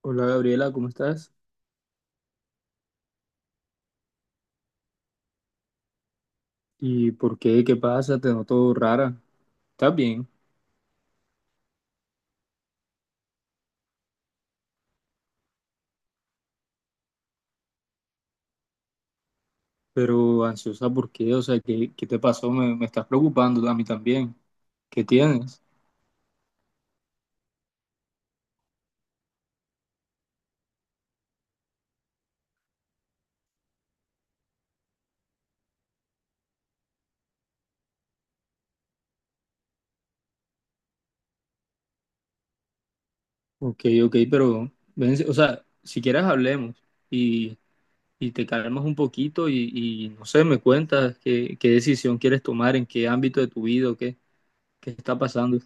Hola Gabriela, ¿cómo estás? ¿Y por qué? ¿Qué pasa? Te noto rara. ¿Estás bien? Pero ansiosa, ¿por qué? O sea, ¿qué te pasó? Me estás preocupando a mí también. ¿Qué tienes? Ok, ok, pero, ven, o sea, si quieres hablemos y, y te calmas un poquito y, no sé, me cuentas qué decisión quieres tomar, en qué ámbito de tu vida o qué, qué está pasando.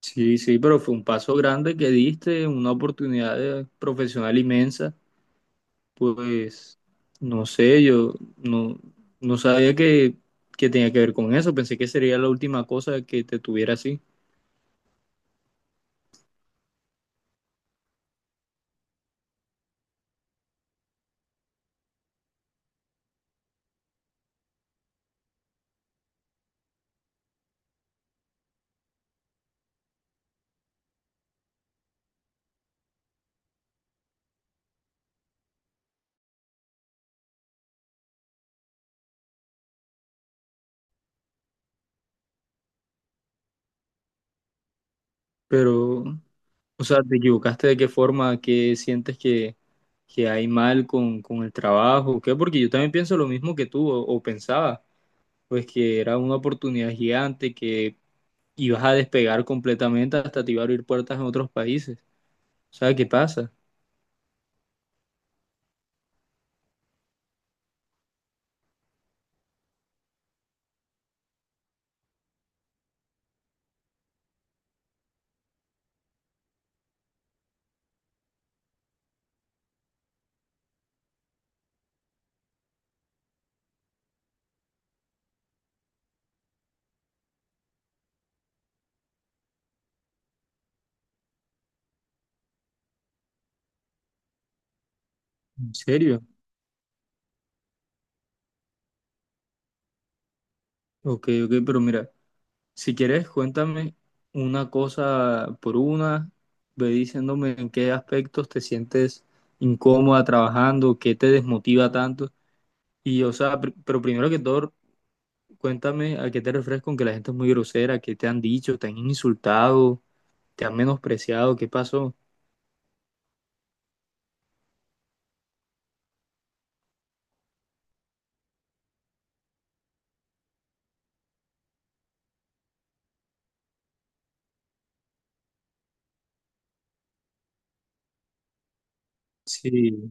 Sí, sí, pero fue un paso grande que diste, una oportunidad profesional inmensa. Pues no sé, yo no, no sabía que tenía que ver con eso, pensé que sería la última cosa que te tuviera así. Pero, o sea, ¿te equivocaste de qué forma, qué sientes que hay mal con el trabajo? ¿Qué? Porque yo también pienso lo mismo que tú, o pensaba, pues que era una oportunidad gigante, que ibas a despegar completamente, hasta te iba a abrir puertas en otros países. O sea, ¿qué pasa? ¿En serio? Ok, ok, pero mira. Si quieres, cuéntame una cosa por una, ve diciéndome en qué aspectos te sientes incómoda trabajando, qué te desmotiva tanto. Y, o sea, pero primero que todo, cuéntame a qué te refieres con que la gente es muy grosera, qué te han dicho, te han insultado, te han menospreciado, qué pasó. Sí.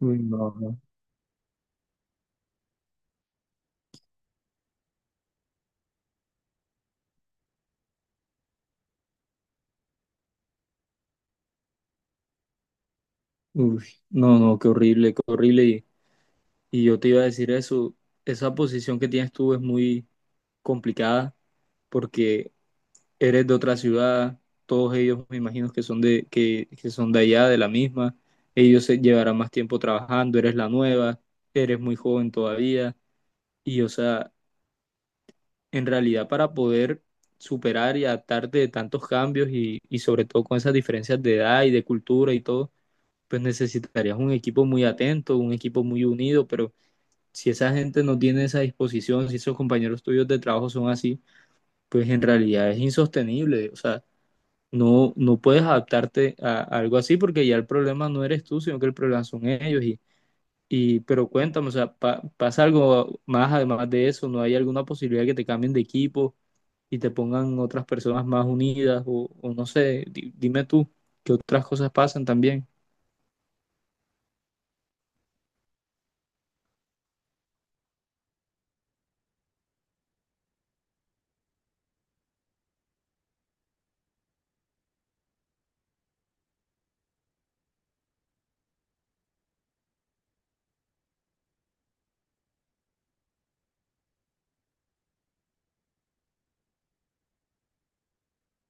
Uy, no, no. Uy, no, no, qué horrible, qué horrible. Y yo te iba a decir eso, esa posición que tienes tú es muy complicada porque eres de otra ciudad, todos ellos me imagino que son de allá, de la misma, ellos se llevarán más tiempo trabajando, eres la nueva, eres muy joven todavía, y o sea, en realidad para poder superar y adaptarte de tantos cambios y sobre todo con esas diferencias de edad y de cultura y todo, pues necesitarías un equipo muy atento, un equipo muy unido, pero si esa gente no tiene esa disposición, si esos compañeros tuyos de trabajo son así, pues en realidad es insostenible, o sea, no, no puedes adaptarte a algo así porque ya el problema no eres tú, sino que el problema son ellos. Y pero cuéntame, o sea, ¿pasa algo más además de eso? ¿No hay alguna posibilidad que te cambien de equipo y te pongan otras personas más unidas? O no sé, dime tú, ¿qué otras cosas pasan también?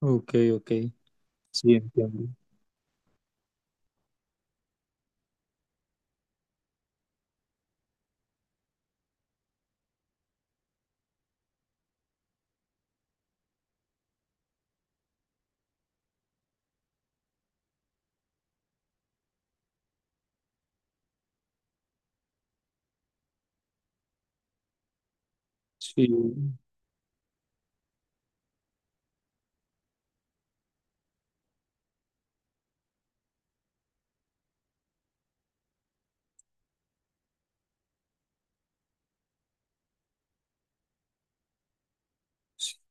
Ok, ok, sí, entiendo. Sí,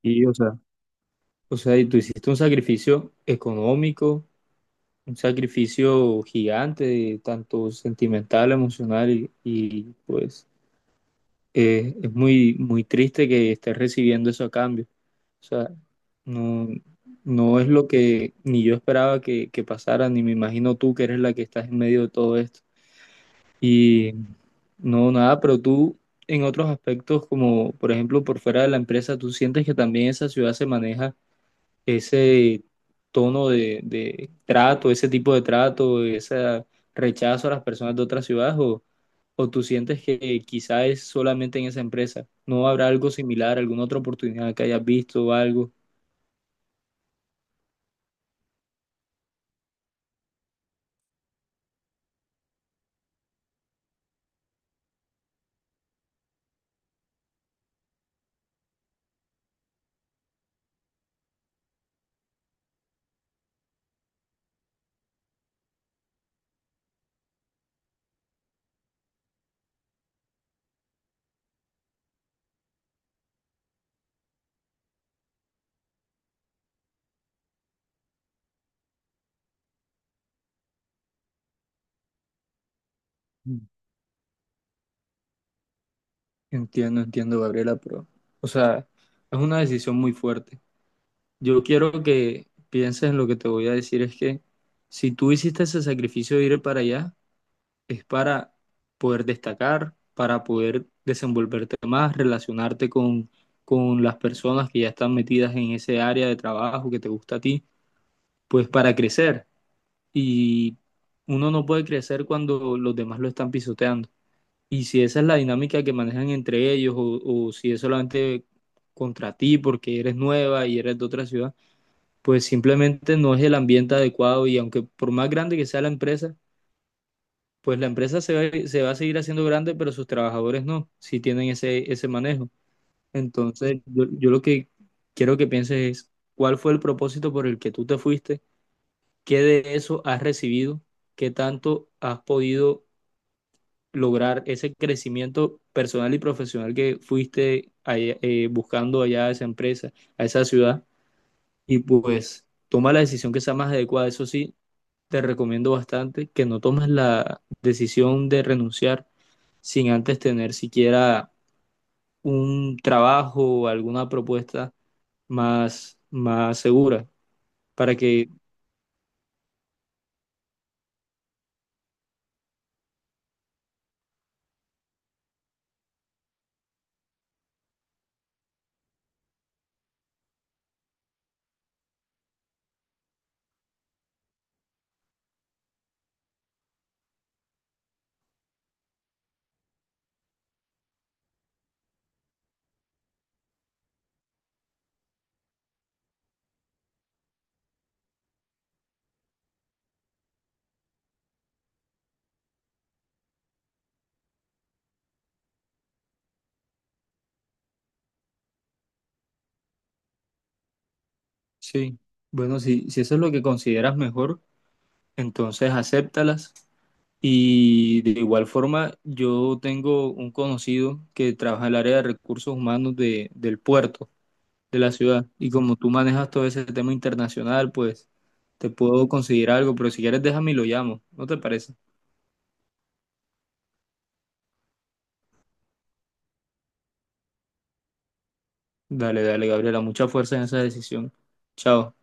sí, o sea. O sea, y tú hiciste un sacrificio económico, un sacrificio gigante, tanto sentimental, emocional y, pues es muy, muy triste que estés recibiendo eso a cambio. O sea, no, no es lo que ni yo esperaba que pasara, ni me imagino tú que eres la que estás en medio de todo esto. Y no, nada, pero tú en otros aspectos, como por ejemplo por fuera de la empresa, ¿tú sientes que también esa ciudad se maneja ese tono de trato, ese tipo de trato, ese rechazo a las personas de otras ciudades, o tú sientes que quizá es solamente en esa empresa? ¿No habrá algo similar, alguna otra oportunidad que hayas visto o algo? Mm. Entiendo, entiendo, Gabriela, pero, o sea, es una decisión muy fuerte. Yo quiero que pienses en lo que te voy a decir, es que si tú hiciste ese sacrificio de ir para allá, es para poder destacar, para poder desenvolverte más, relacionarte con las personas que ya están metidas en ese área de trabajo que te gusta a ti, pues para crecer. Y uno no puede crecer cuando los demás lo están pisoteando. Y si esa es la dinámica que manejan entre ellos o si es solamente contra ti porque eres nueva y eres de otra ciudad, pues simplemente no es el ambiente adecuado y aunque por más grande que sea la empresa, pues la empresa se va a seguir haciendo grande, pero sus trabajadores no, si tienen ese, ese manejo. Entonces, yo lo que quiero que pienses es, ¿cuál fue el propósito por el que tú te fuiste? ¿Qué de eso has recibido? ¿Qué tanto has podido lograr ese crecimiento personal y profesional que fuiste buscando allá a esa empresa, a esa ciudad? Y pues toma la decisión que sea más adecuada, eso sí, te recomiendo bastante que no tomes la decisión de renunciar sin antes tener siquiera un trabajo o alguna propuesta más, más segura. Para que, sí, bueno, si, si eso es lo que consideras mejor, entonces acéptalas. Y de igual forma, yo tengo un conocido que trabaja en el área de recursos humanos de, del puerto de la ciudad. Y como tú manejas todo ese tema internacional, pues te puedo conseguir algo, pero si quieres déjame y lo llamo, ¿no te parece? Dale, dale, Gabriela, mucha fuerza en esa decisión. Chao.